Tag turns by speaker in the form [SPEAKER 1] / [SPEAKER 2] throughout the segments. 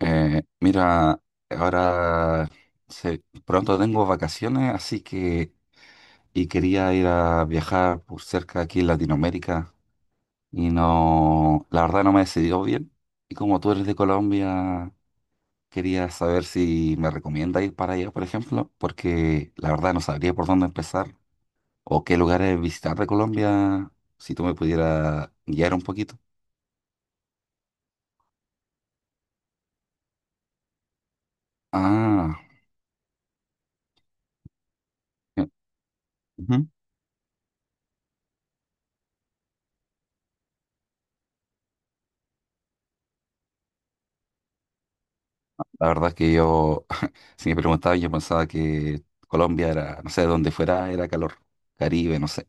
[SPEAKER 1] Eh, mira, ahora pronto tengo vacaciones, así que y quería ir a viajar por cerca aquí en Latinoamérica y no, la verdad no me he decidido bien. Y como tú eres de Colombia, quería saber si me recomienda ir para allá, por ejemplo, porque la verdad no sabría por dónde empezar o qué lugares visitar de Colombia, si tú me pudieras guiar un poquito. Ah, eh, ujú. La verdad es que yo, si me preguntaban yo pensaba que Colombia era, no sé, donde fuera era calor, Caribe, no sé.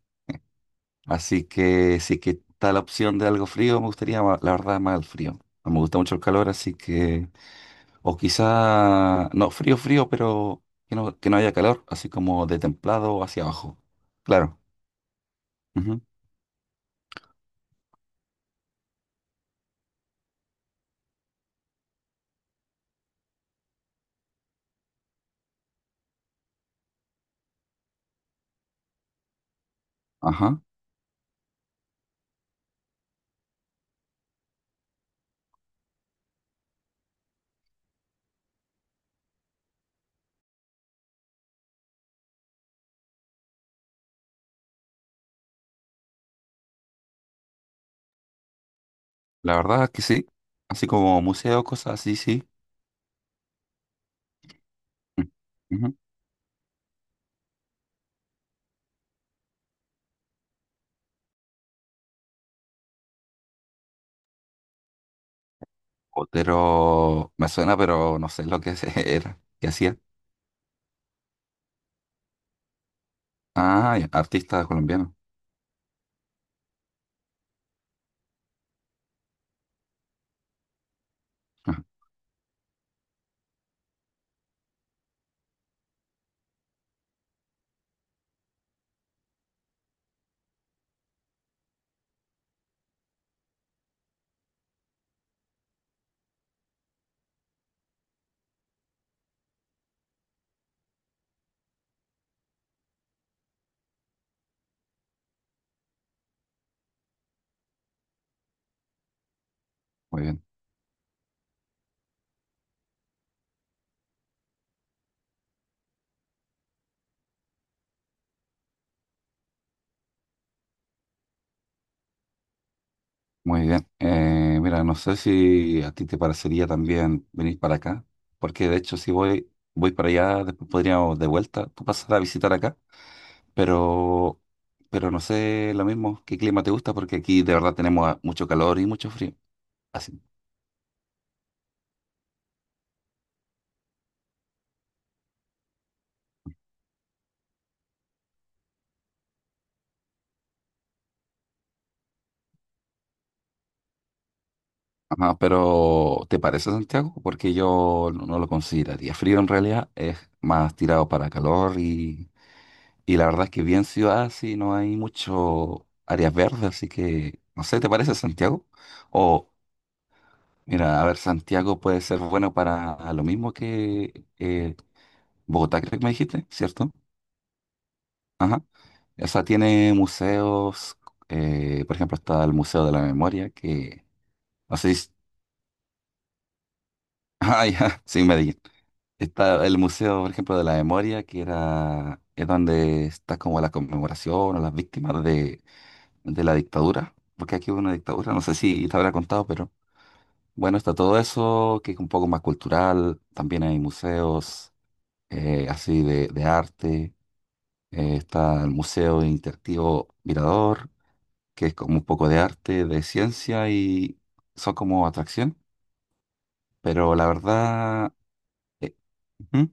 [SPEAKER 1] Así que si que está la opción de algo frío, me gustaría, la verdad, más el frío. No me gusta mucho el calor, así que, o quizá, no, frío, frío, pero que no haya calor, así como de templado hacia abajo. Claro. Ujú. Ajá. La verdad es que sí. Así como museos, cosas así, sí. Mm. Ujú. Otero me suena, pero no sé lo que era, que hacía. Ah, ya, artista colombiano. Ah, muy bien, muy bien. No sé si a ti te parecería también venir para acá, porque de hecho si voy, voy para allá, después podríamos de vuelta, tú pasar a visitar acá, pero, pero no sé lo mismo, qué clima te gusta, porque aquí de verdad tenemos ah, mucho calor y mucho frío. Así. Ajá, pero ¿te parece Santiago? Porque yo no, no lo consideraría frío en realidad, es más tirado para calor y la verdad es que bien ciudad, sí, no hay mucho áreas verdes, así que, no sé, ¿te parece Santiago? O, mira, a ver, Santiago puede ser bueno para lo mismo que Bogotá, creo que me dijiste, ¿cierto? Ajá. O sea, tiene museos, por ejemplo, está el Museo de la Memoria, que, no sé si, ah, ya, sí, Medellín. Está el Museo, por ejemplo, de la Memoria, que era, es donde está como la conmemoración o las víctimas de la dictadura, porque aquí hubo una dictadura, no sé si te habrá contado, pero bueno, está todo eso, que es un poco más cultural, también hay museos así de arte, está el Museo Interactivo Mirador, que es como un poco de arte, de ciencia y son como atracción, pero la verdad, eh, ujú,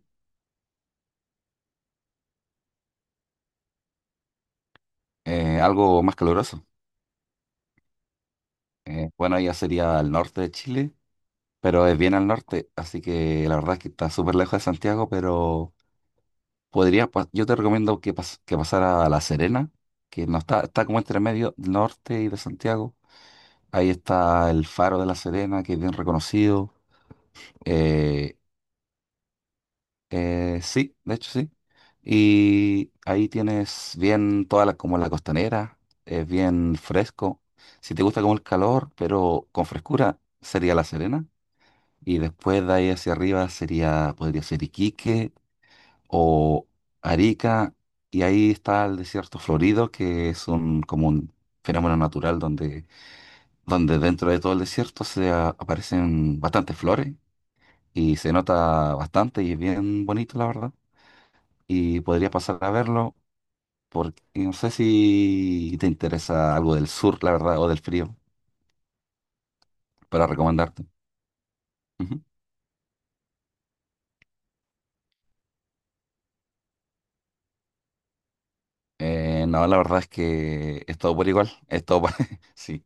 [SPEAKER 1] algo más caluroso. Bueno, ya sería al norte de Chile, pero es bien al norte, así que la verdad es que está súper lejos de Santiago, pero podría, yo te recomiendo que, que pasara a La Serena, que no está, está como entre medio del norte y de Santiago. Ahí está el Faro de La Serena, que es bien reconocido. Eh, sí, de hecho sí. Y ahí tienes bien toda la, como la costanera, es bien fresco. Si te gusta como el calor, pero con frescura, sería La Serena. Y después de ahí hacia arriba sería, podría ser Iquique o Arica, y ahí está el desierto florido, que es un, como un fenómeno natural donde, donde dentro de todo el desierto aparecen bastantes flores y se nota bastante y es bien bonito, la verdad. Y podría pasar a verlo, porque no sé si te interesa algo del sur, la verdad, o del frío, para recomendarte. Ujú. No, la verdad es que es todo por igual, es todo por sí.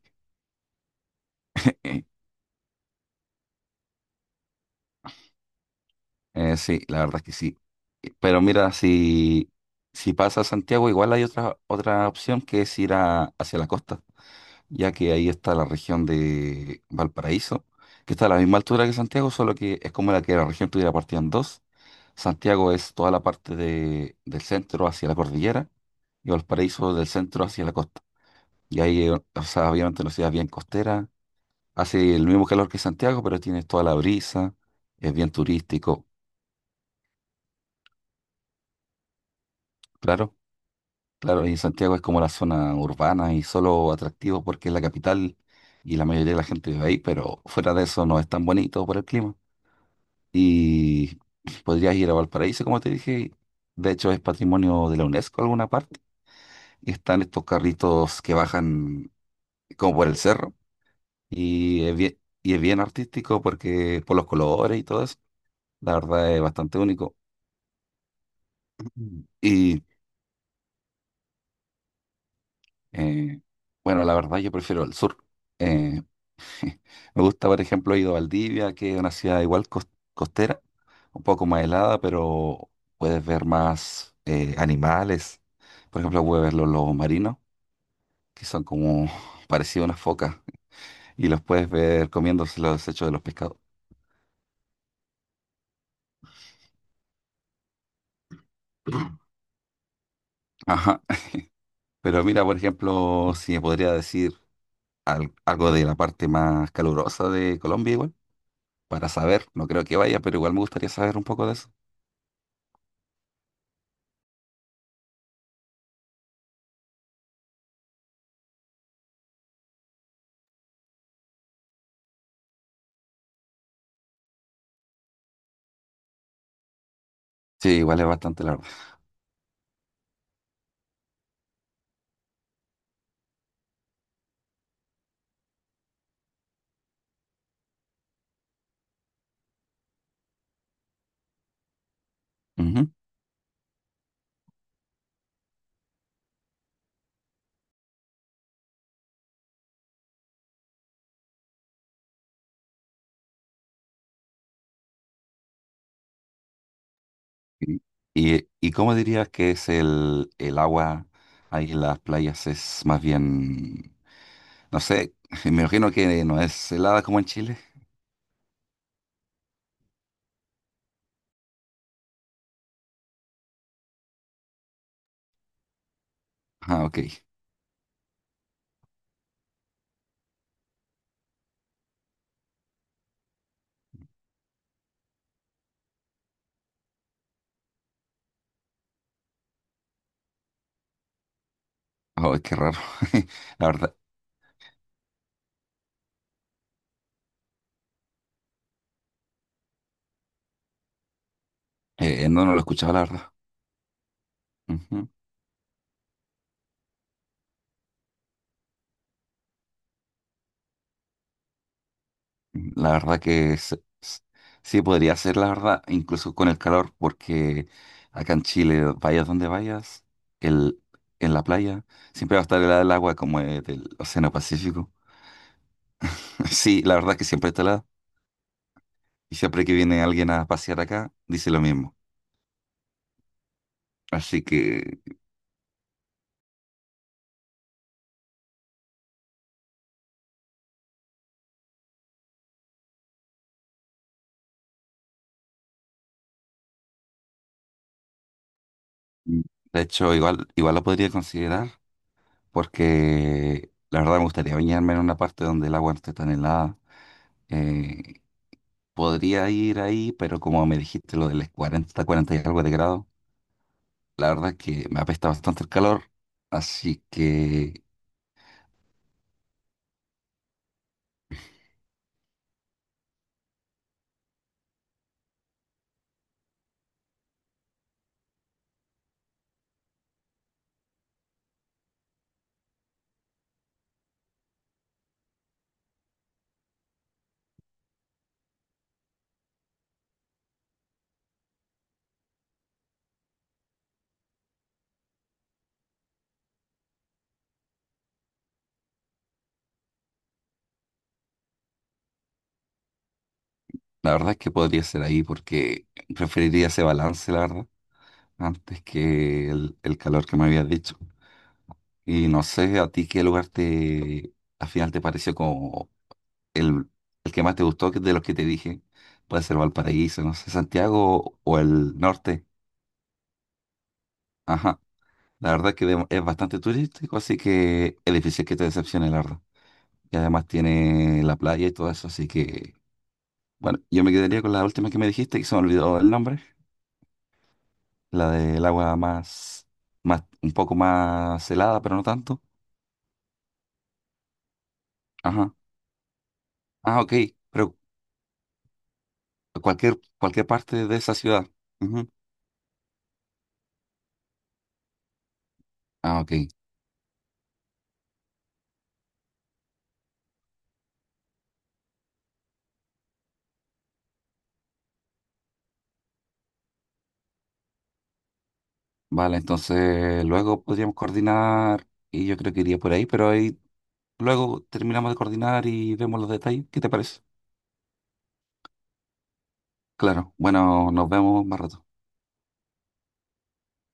[SPEAKER 1] Sí, la verdad es que sí. Pero mira, si, si pasa a Santiago, igual hay otra, otra opción que es ir hacia la costa, ya que ahí está la región de Valparaíso, que está a la misma altura que Santiago, solo que es como la que la región tuviera partida en dos. Santiago es toda la parte del centro hacia la cordillera y Valparaíso del centro hacia la costa. Y ahí, o sea, obviamente una ciudad bien costera, hace el mismo calor que Santiago, pero tiene toda la brisa, es bien turístico. Claro. Claro, y Santiago es como la zona urbana y solo atractivo porque es la capital y la mayoría de la gente vive ahí, pero fuera de eso no es tan bonito por el clima. Y podrías ir a Valparaíso, como te dije, de hecho es patrimonio de la UNESCO en alguna parte. Y están estos carritos que bajan como por el cerro y es bien artístico porque por los colores y todo eso, la verdad es bastante único. Mm. Y eh, bueno, la verdad yo prefiero el sur. Eh, Me gusta, por ejemplo, he ido a Valdivia, que es una ciudad igual costera, un poco más helada, pero puedes ver más animales. Por ejemplo, puedes ver los lobos marinos, que son como parecidos a unas focas, y los puedes ver comiéndose los desechos de los pescados. Ajá. Pero mira, por ejemplo, si me podría decir algo de la parte más calurosa de Colombia, igual, para saber, no creo que vaya, pero igual me gustaría saber un poco de eso. Sí, igual es bastante largo. Ujú. ¿Y, y cómo dirías que es el agua ahí en las playas? Es más bien, no sé, me imagino que no es helada como en Chile. Ah, ok. Oh, qué raro. La verdad, no, no lo he escuchado, la verdad. Ujú. La verdad que es- sí podría ser, la verdad, incluso con el calor, porque acá en Chile, vayas donde vayas, el, en la playa, siempre va a estar helada el agua como del Océano Pacífico. Sí, la verdad que siempre está helada. Y siempre que viene alguien a pasear acá, dice lo mismo. Así que, mm, de hecho, igual, igual lo podría considerar, porque la verdad me gustaría bañarme en una parte donde el agua no esté tan helada. Eh, podría ir ahí, pero como me dijiste lo del 40, 40 y algo de grado, la verdad es que me apesta bastante el calor. Así que, la verdad es que podría ser ahí, porque preferiría ese balance, la verdad, antes que el calor que me habías dicho. Y no sé a ti qué lugar te al final te pareció como el, el que más te gustó de los que te dije. Puede ser Valparaíso, no sé, Santiago o el norte. Ajá. La verdad es que es bastante turístico, así que es difícil que te decepcione, la verdad. Y además tiene la playa y todo eso, así que bueno, yo me quedaría con la última que me dijiste, que se me olvidó el nombre, la del agua más, más, un poco más helada, pero no tanto. Ajá. Ah, ok. Pero cualquier, cualquier parte de esa ciudad. Ujú. Ah, ok. Vale, entonces luego podríamos coordinar y yo creo que iría por ahí, pero ahí luego terminamos de coordinar y vemos los detalles. ¿Qué te parece? Claro. Bueno, nos vemos más rato.